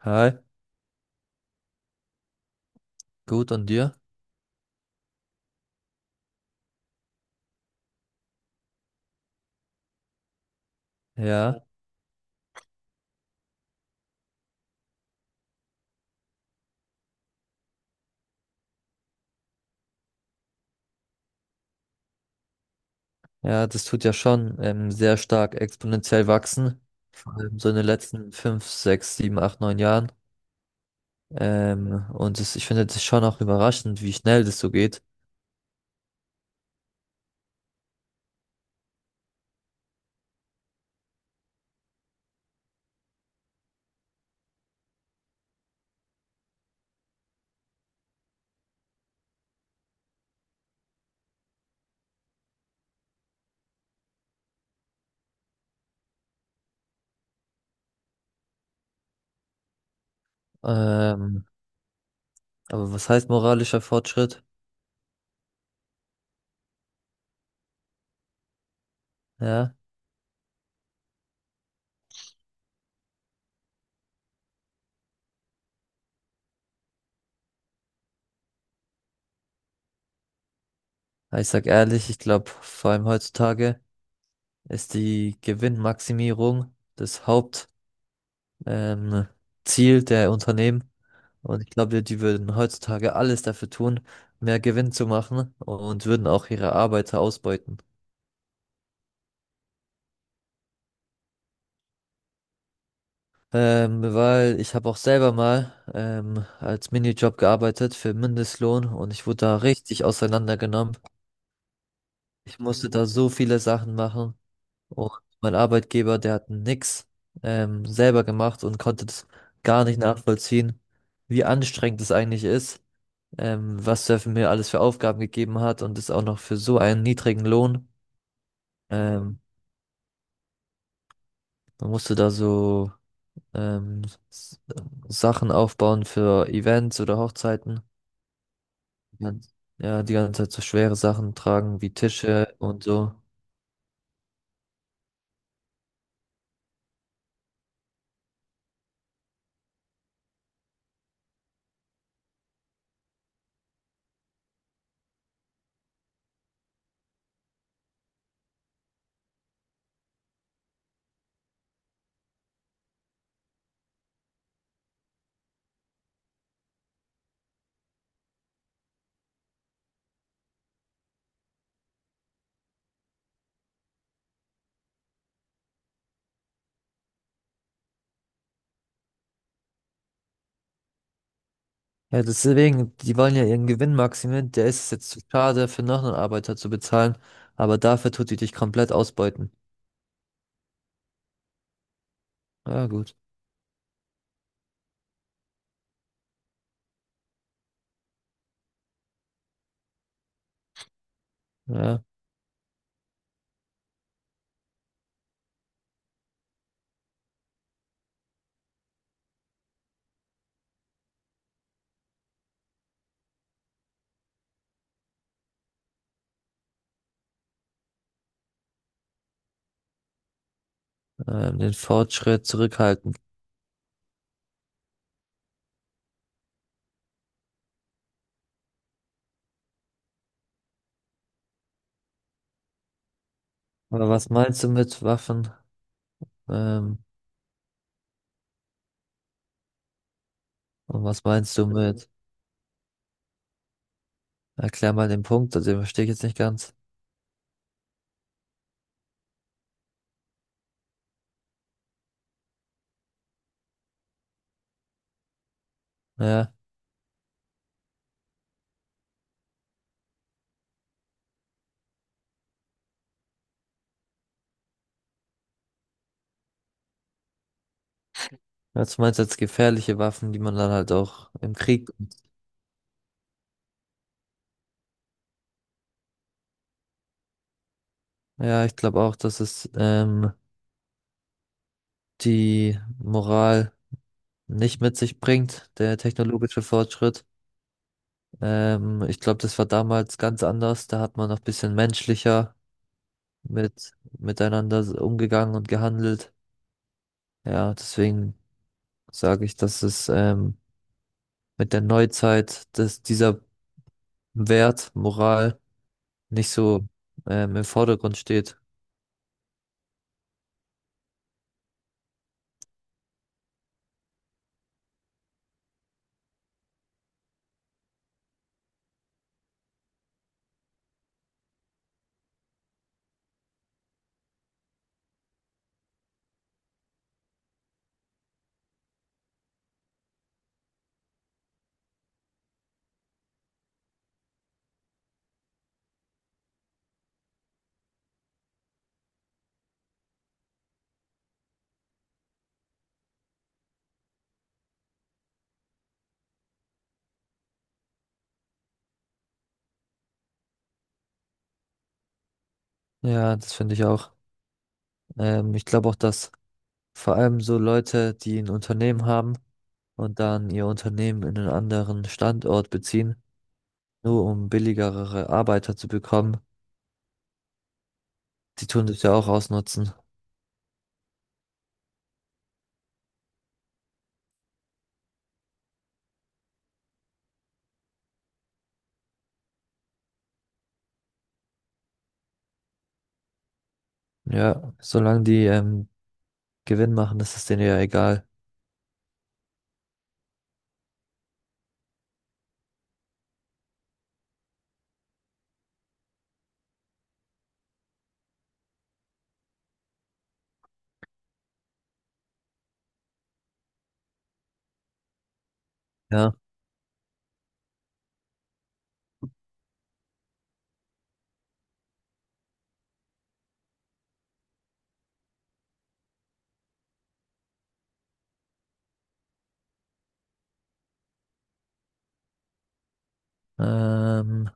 Hi, gut und dir? Ja, ja, das tut ja schon sehr stark exponentiell wachsen. Vor allem so in den letzten fünf, sechs, sieben, acht, neun Jahren. Und das, ich finde das schon auch überraschend, wie schnell das so geht. Ähm, aber was heißt moralischer Fortschritt? Ja, ich sag ehrlich, ich glaube, vor allem heutzutage ist die Gewinnmaximierung das Haupt, ähm, Ziel der Unternehmen. Und ich glaube, die würden heutzutage alles dafür tun, mehr Gewinn zu machen und würden auch ihre Arbeiter ausbeuten. Weil ich habe auch selber mal als Minijob gearbeitet für Mindestlohn und ich wurde da richtig auseinandergenommen. Ich musste da so viele Sachen machen und mein Arbeitgeber, der hat nix selber gemacht und konnte das gar nicht nachvollziehen, wie anstrengend das eigentlich ist, was er mir alles für Aufgaben gegeben hat und das auch noch für so einen niedrigen Lohn. Ähm, dann musst du da so ähm, s- Sachen aufbauen für Events oder Hochzeiten. Dann- Ja, die ganze Zeit so schwere Sachen tragen wie Tische und so. Ja, deswegen, die wollen ja ihren Gewinn maximieren. Der ist es jetzt zu schade, für noch einen Arbeiter zu bezahlen, aber dafür tut die dich komplett ausbeuten. Ja, gut. Ja, den Fortschritt zurückhalten. Aber was meinst du mit Waffen? Ähm, und was meinst du mit? Erklär mal den Punkt, also den verstehe ich jetzt nicht ganz. Ja. Was meinst du als gefährliche Waffen, die man dann halt auch im Krieg. Ja, ich glaube auch, dass es die Moral nicht mit sich bringt, der technologische Fortschritt. Ich glaube, das war damals ganz anders. Da hat man noch ein bisschen menschlicher mit miteinander umgegangen und gehandelt. Ja, deswegen sage ich, dass es mit der Neuzeit, dass dieser Wert Moral nicht so im Vordergrund steht. Ja, das finde ich auch. Ich glaube auch, dass vor allem so Leute, die ein Unternehmen haben und dann ihr Unternehmen in einen anderen Standort beziehen, nur um billigere Arbeiter zu bekommen, die tun das ja auch ausnutzen. Ja, solange die Gewinn machen, ist es denen ja egal. Ja, ähm,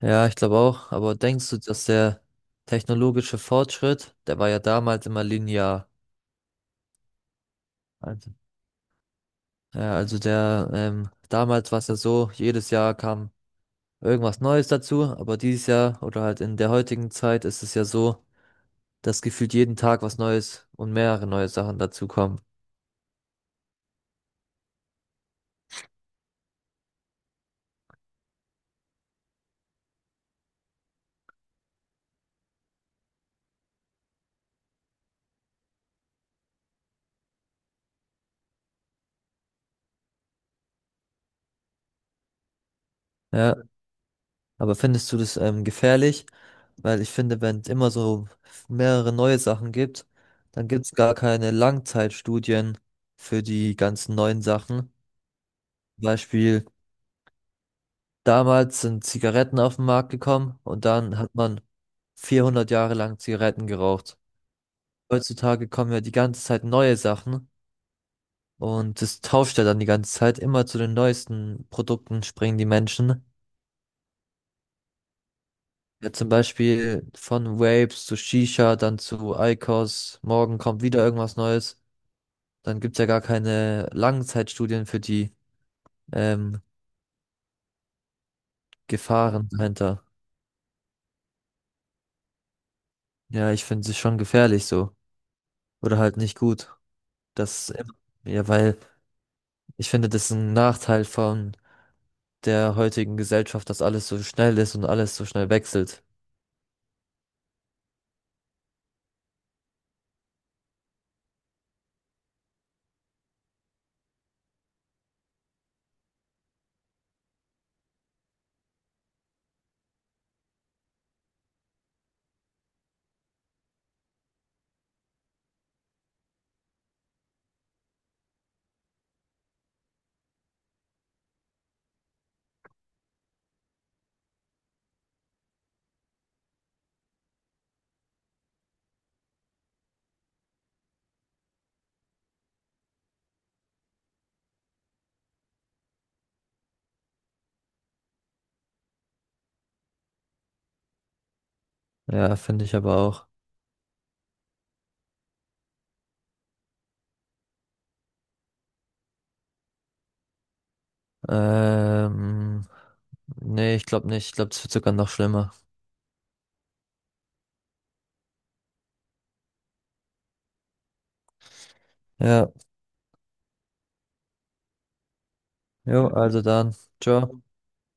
ja, ich glaube auch. Aber denkst du, dass der technologische Fortschritt, der war ja damals immer linear. Also, ja, also der, damals war es ja so, jedes Jahr kam irgendwas Neues dazu, aber dieses Jahr oder halt in der heutigen Zeit ist es ja so, dass gefühlt jeden Tag was Neues und mehrere neue Sachen dazu kommen. Ja, aber findest du das gefährlich? Weil ich finde, wenn es immer so mehrere neue Sachen gibt, dann gibt es gar keine Langzeitstudien für die ganzen neuen Sachen. Zum Beispiel, damals sind Zigaretten auf den Markt gekommen und dann hat man 400 Jahre lang Zigaretten geraucht. Heutzutage kommen ja die ganze Zeit neue Sachen. Und das tauscht ja dann die ganze Zeit. Immer zu den neuesten Produkten springen die Menschen. Ja, zum Beispiel von Vapes zu Shisha, dann zu IQOS. Morgen kommt wieder irgendwas Neues. Dann gibt's ja gar keine Langzeitstudien für die ähm, Gefahren dahinter. Ja, ich finde es schon gefährlich so. Oder halt nicht gut. Das, ähm, ja, weil ich finde, das ist ein Nachteil von der heutigen Gesellschaft, dass alles so schnell ist und alles so schnell wechselt. Ja, finde ich aber auch. Ähm, nee, ich glaube nicht. Ich glaube, das wird sogar noch schlimmer. Ja, jo, ja, also dann. Ciao.